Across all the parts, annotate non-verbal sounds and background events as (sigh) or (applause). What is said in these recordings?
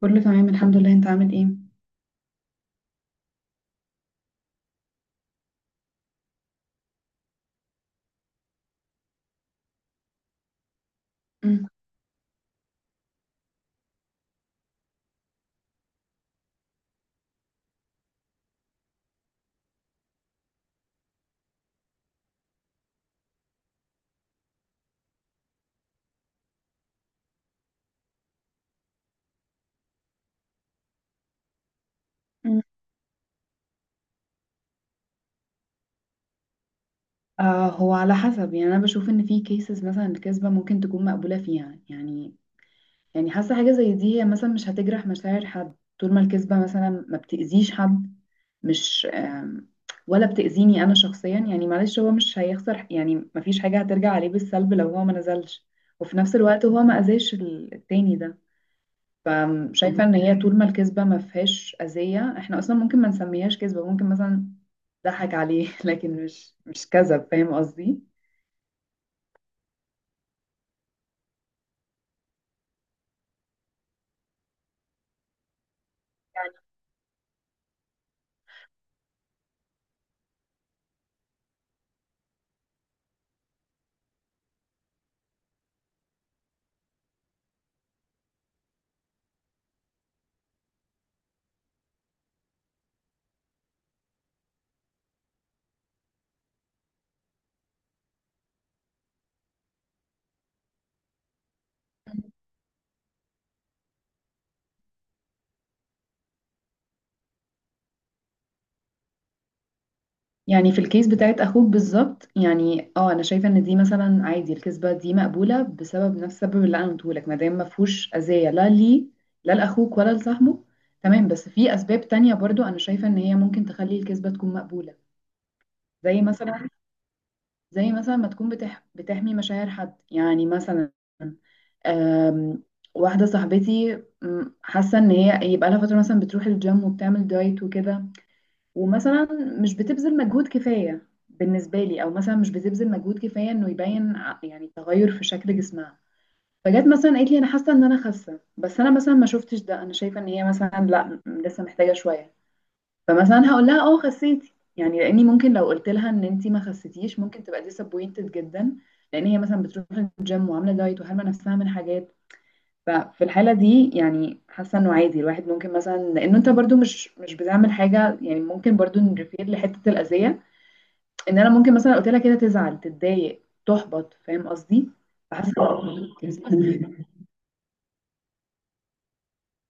كله تمام الحمد لله، انت عامل ايه؟ مم. مم. آه، هو على حسب. يعني انا بشوف ان في كيسز مثلا الكذبة ممكن تكون مقبولة فيها. يعني حاسة حاجة زي دي، هي مثلا مش هتجرح مشاعر حد، طول ما الكذبة مثلا ما بتأذيش حد، مش ولا بتأذيني انا شخصيا. يعني معلش هو مش هيخسر، يعني مفيش حاجة هترجع عليه بالسلب لو هو ما نزلش، وفي نفس الوقت هو ما اذاش التاني ده. فشايفة ان هي طول ما الكذبة ما فيهاش أذية احنا اصلا ممكن ما نسميهاش كذبة، ممكن مثلا ضحك عليه (laughs) لكن مش كذب، فاهم قصدي؟ يعني في الكيس بتاعت اخوك بالظبط. يعني اه، انا شايفه ان دي مثلا عادي، الكذبه دي مقبوله بسبب نفس السبب اللي انا قلته لك، ما دام ما فيهوش اذيه، لا ليه، لا لاخوك ولا لصاحبه، تمام. بس في اسباب تانية برضو انا شايفه ان هي ممكن تخلي الكذبه تكون مقبوله. زي مثلا، زي مثلا ما تكون بتحمي مشاعر حد، يعني مثلا أم... واحدة صاحبتي، حاسة ان هي يبقى لها فترة مثلا بتروح الجيم وبتعمل دايت وكده، ومثلا مش بتبذل مجهود كفاية بالنسبة لي، او مثلا مش بتبذل مجهود كفاية انه يبين يعني تغير في شكل جسمها. فجت مثلا قالت لي، انا حاسة ان انا خاسة، بس انا مثلا ما شفتش ده، انا شايفة ان هي مثلا لا، لسه محتاجة شوية. فمثلا هقول لها اه خسيتي، يعني لاني ممكن لو قلت لها ان انت ما خسيتيش ممكن تبقى ديسابوينتد جدا، لان هي مثلا بتروح الجيم وعامله دايت وحارمه نفسها من حاجات. ففي الحاله دي يعني حاسه انه عادي الواحد ممكن مثلا، لانه انت برضو مش بتعمل حاجه، يعني ممكن برضو نريفير لحته الاذيه، ان انا ممكن مثلا قلت لها كده تزعل تتضايق تحبط، فاهم قصدي؟ فحاسه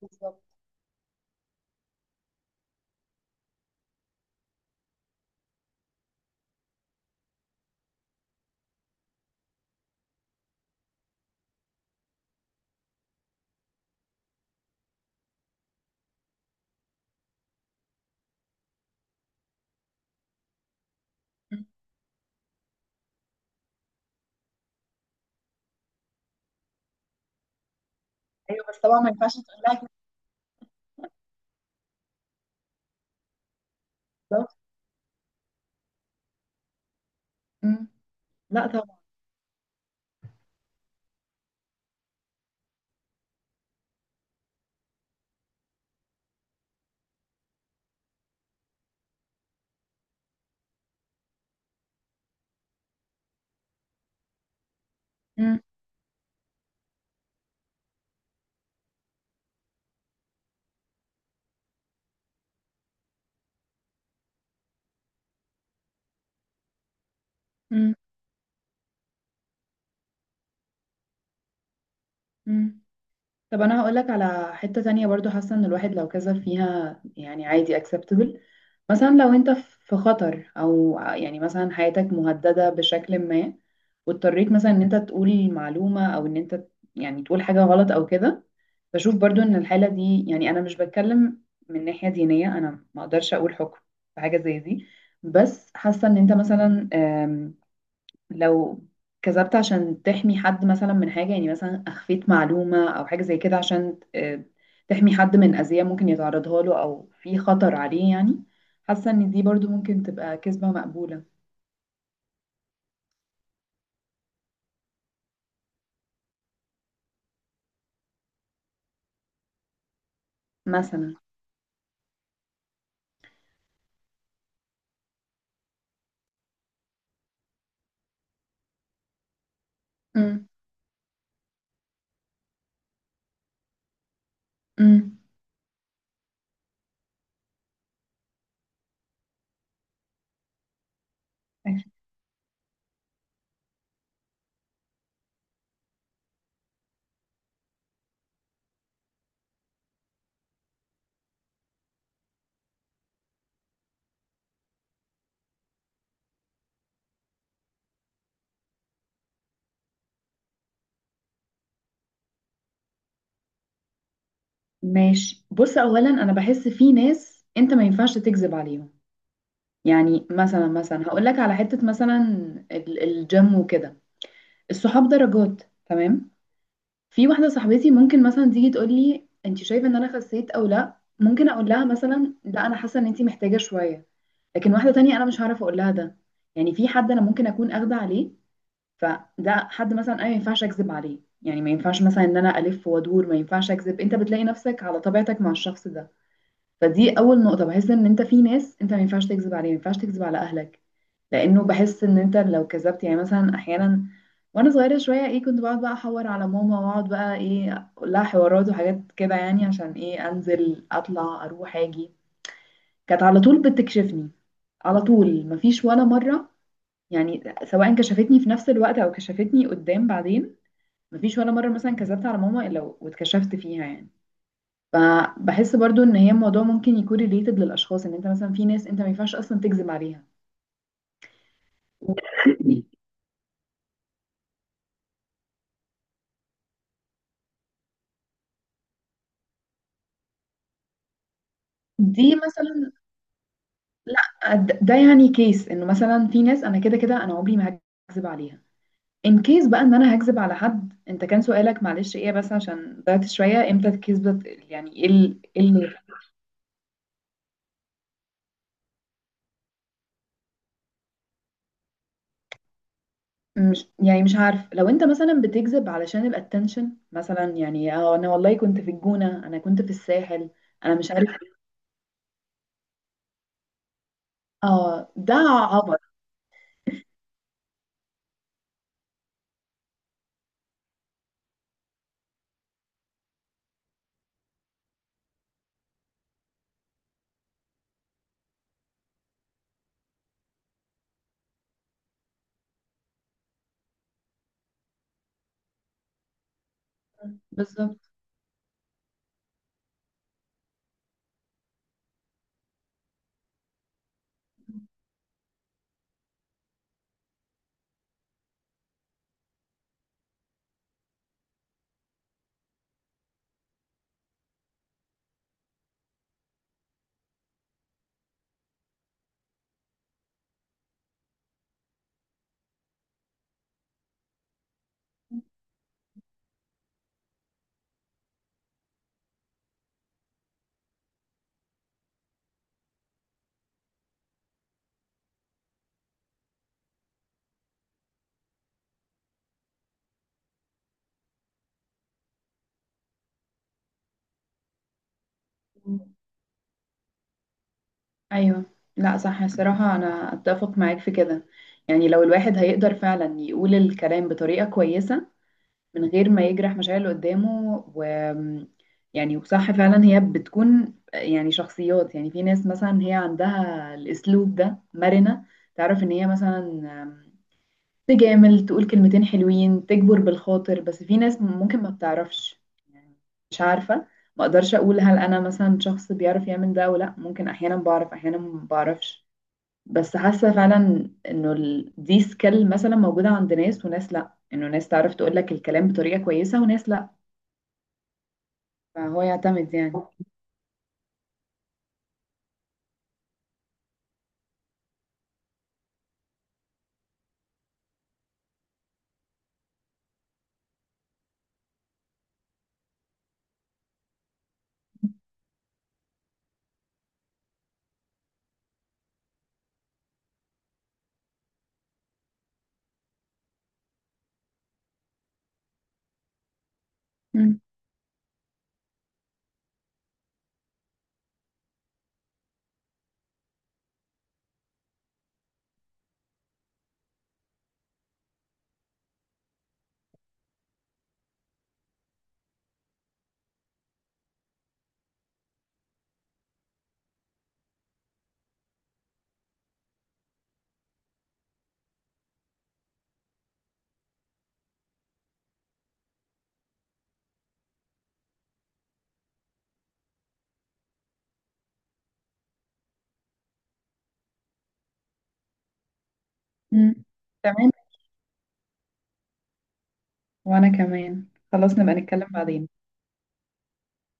بالظبط. ايوه بس طبعا ما ينفعش تقول لها كده. بالظبط. مم. لا طبعا. مم. مم. مم. طب انا هقولك على حتة تانية برضو، حاسة ان الواحد لو كذب فيها يعني عادي acceptable. مثلا لو انت في خطر، او يعني مثلا حياتك مهددة بشكل ما، واضطريت مثلا ان انت تقول معلومة، او ان انت يعني تقول حاجة غلط او كده، بشوف برضو ان الحالة دي، يعني انا مش بتكلم من ناحية دينية، انا ما اقدرش اقول حكم في حاجة زي دي، بس حاسة ان انت مثلا لو كذبت عشان تحمي حد مثلا من حاجة، يعني مثلا أخفيت معلومة أو حاجة زي كده عشان تحمي حد من أذية ممكن يتعرضها له أو في خطر عليه، يعني حاسة إن دي برضو ممكن تبقى كذبة مقبولة. مثلا. مم. مم. ماشي، بص، أولا أنا بحس في ناس أنت ما ينفعش تكذب عليهم. يعني مثلا، مثلا هقول لك على حتة مثلا الجيم وكده. الصحاب درجات، تمام. في واحدة صاحبتي ممكن مثلا تيجي تقول لي، انت شايفة ان انا خسيت او لا، ممكن اقول لها مثلا لا، انا حاسة ان انت محتاجة شوية. لكن واحدة تانية انا مش هعرف اقول لها ده، يعني في حد انا ممكن اكون اخده عليه، فده حد مثلا انا ما ينفعش اكذب عليه، يعني ما ينفعش مثلا ان انا الف وادور، ما ينفعش اكذب، انت بتلاقي نفسك على طبيعتك مع الشخص ده. فدي اول نقطه، بحس ان انت في ناس انت ما ينفعش تكذب عليه، ما ينفعش تكذب على اهلك. لانه بحس ان انت لو كذبت، يعني مثلا احيانا وانا صغيره شويه ايه كنت بقعد بقى احور على ماما، واقعد بقى ايه اقول لها حوارات وحاجات كده يعني عشان ايه انزل اطلع اروح اجي، كانت على طول بتكشفني. على طول مفيش ولا مره، يعني سواء كشفتني في نفس الوقت او كشفتني قدام بعدين. مفيش ولا مره مثلا كذبت على ماما الا واتكشفت فيها، يعني. فبحس برضو ان هي الموضوع ممكن يكون ريليتد للاشخاص، ان انت مثلا في ناس انت ما ينفعش اصلا تكذب عليها. (clears throat) دي مثلا، لا، ده يعني كيس انه مثلا في ناس انا كده كده انا عمري ما هكذب عليها. ان كيس بقى ان انا هكذب على حد، انت كان سؤالك معلش ايه، بس عشان ضيعت شويه، امتى الكذبه، يعني ايه، إيه اللي، مش، يعني مش عارف، لو انت مثلا بتكذب علشان الاتنشن مثلا، يعني اه انا والله كنت في الجونه، انا كنت في الساحل، انا مش عارف. اه ده عبط. بالظبط. ايوه. لا صح، الصراحه انا اتفق معاك في كده. يعني لو الواحد هيقدر فعلا يقول الكلام بطريقه كويسه من غير ما يجرح مشاعر اللي قدامه، و يعني، وصح فعلا، هي بتكون يعني شخصيات. يعني في ناس مثلا هي عندها الاسلوب ده، مرنه، تعرف ان هي مثلا تجامل، تقول كلمتين حلوين، تجبر بالخاطر، بس في ناس ممكن ما بتعرفش، يعني. مش عارفة، ما اقدرش اقول هل انا مثلا شخص بيعرف يعمل ده ولا لا، ممكن احيانا بعرف احيانا ما بعرفش. بس حاسة فعلا انه دي سكيل مثلا موجودة عند ناس، وناس لا، انه ناس تعرف تقول لك الكلام بطريقة كويسة، وناس لا. فهو يعتمد، يعني. مم. مم. تمام. وانا كمان خلاص، نبقى نتكلم بعدين.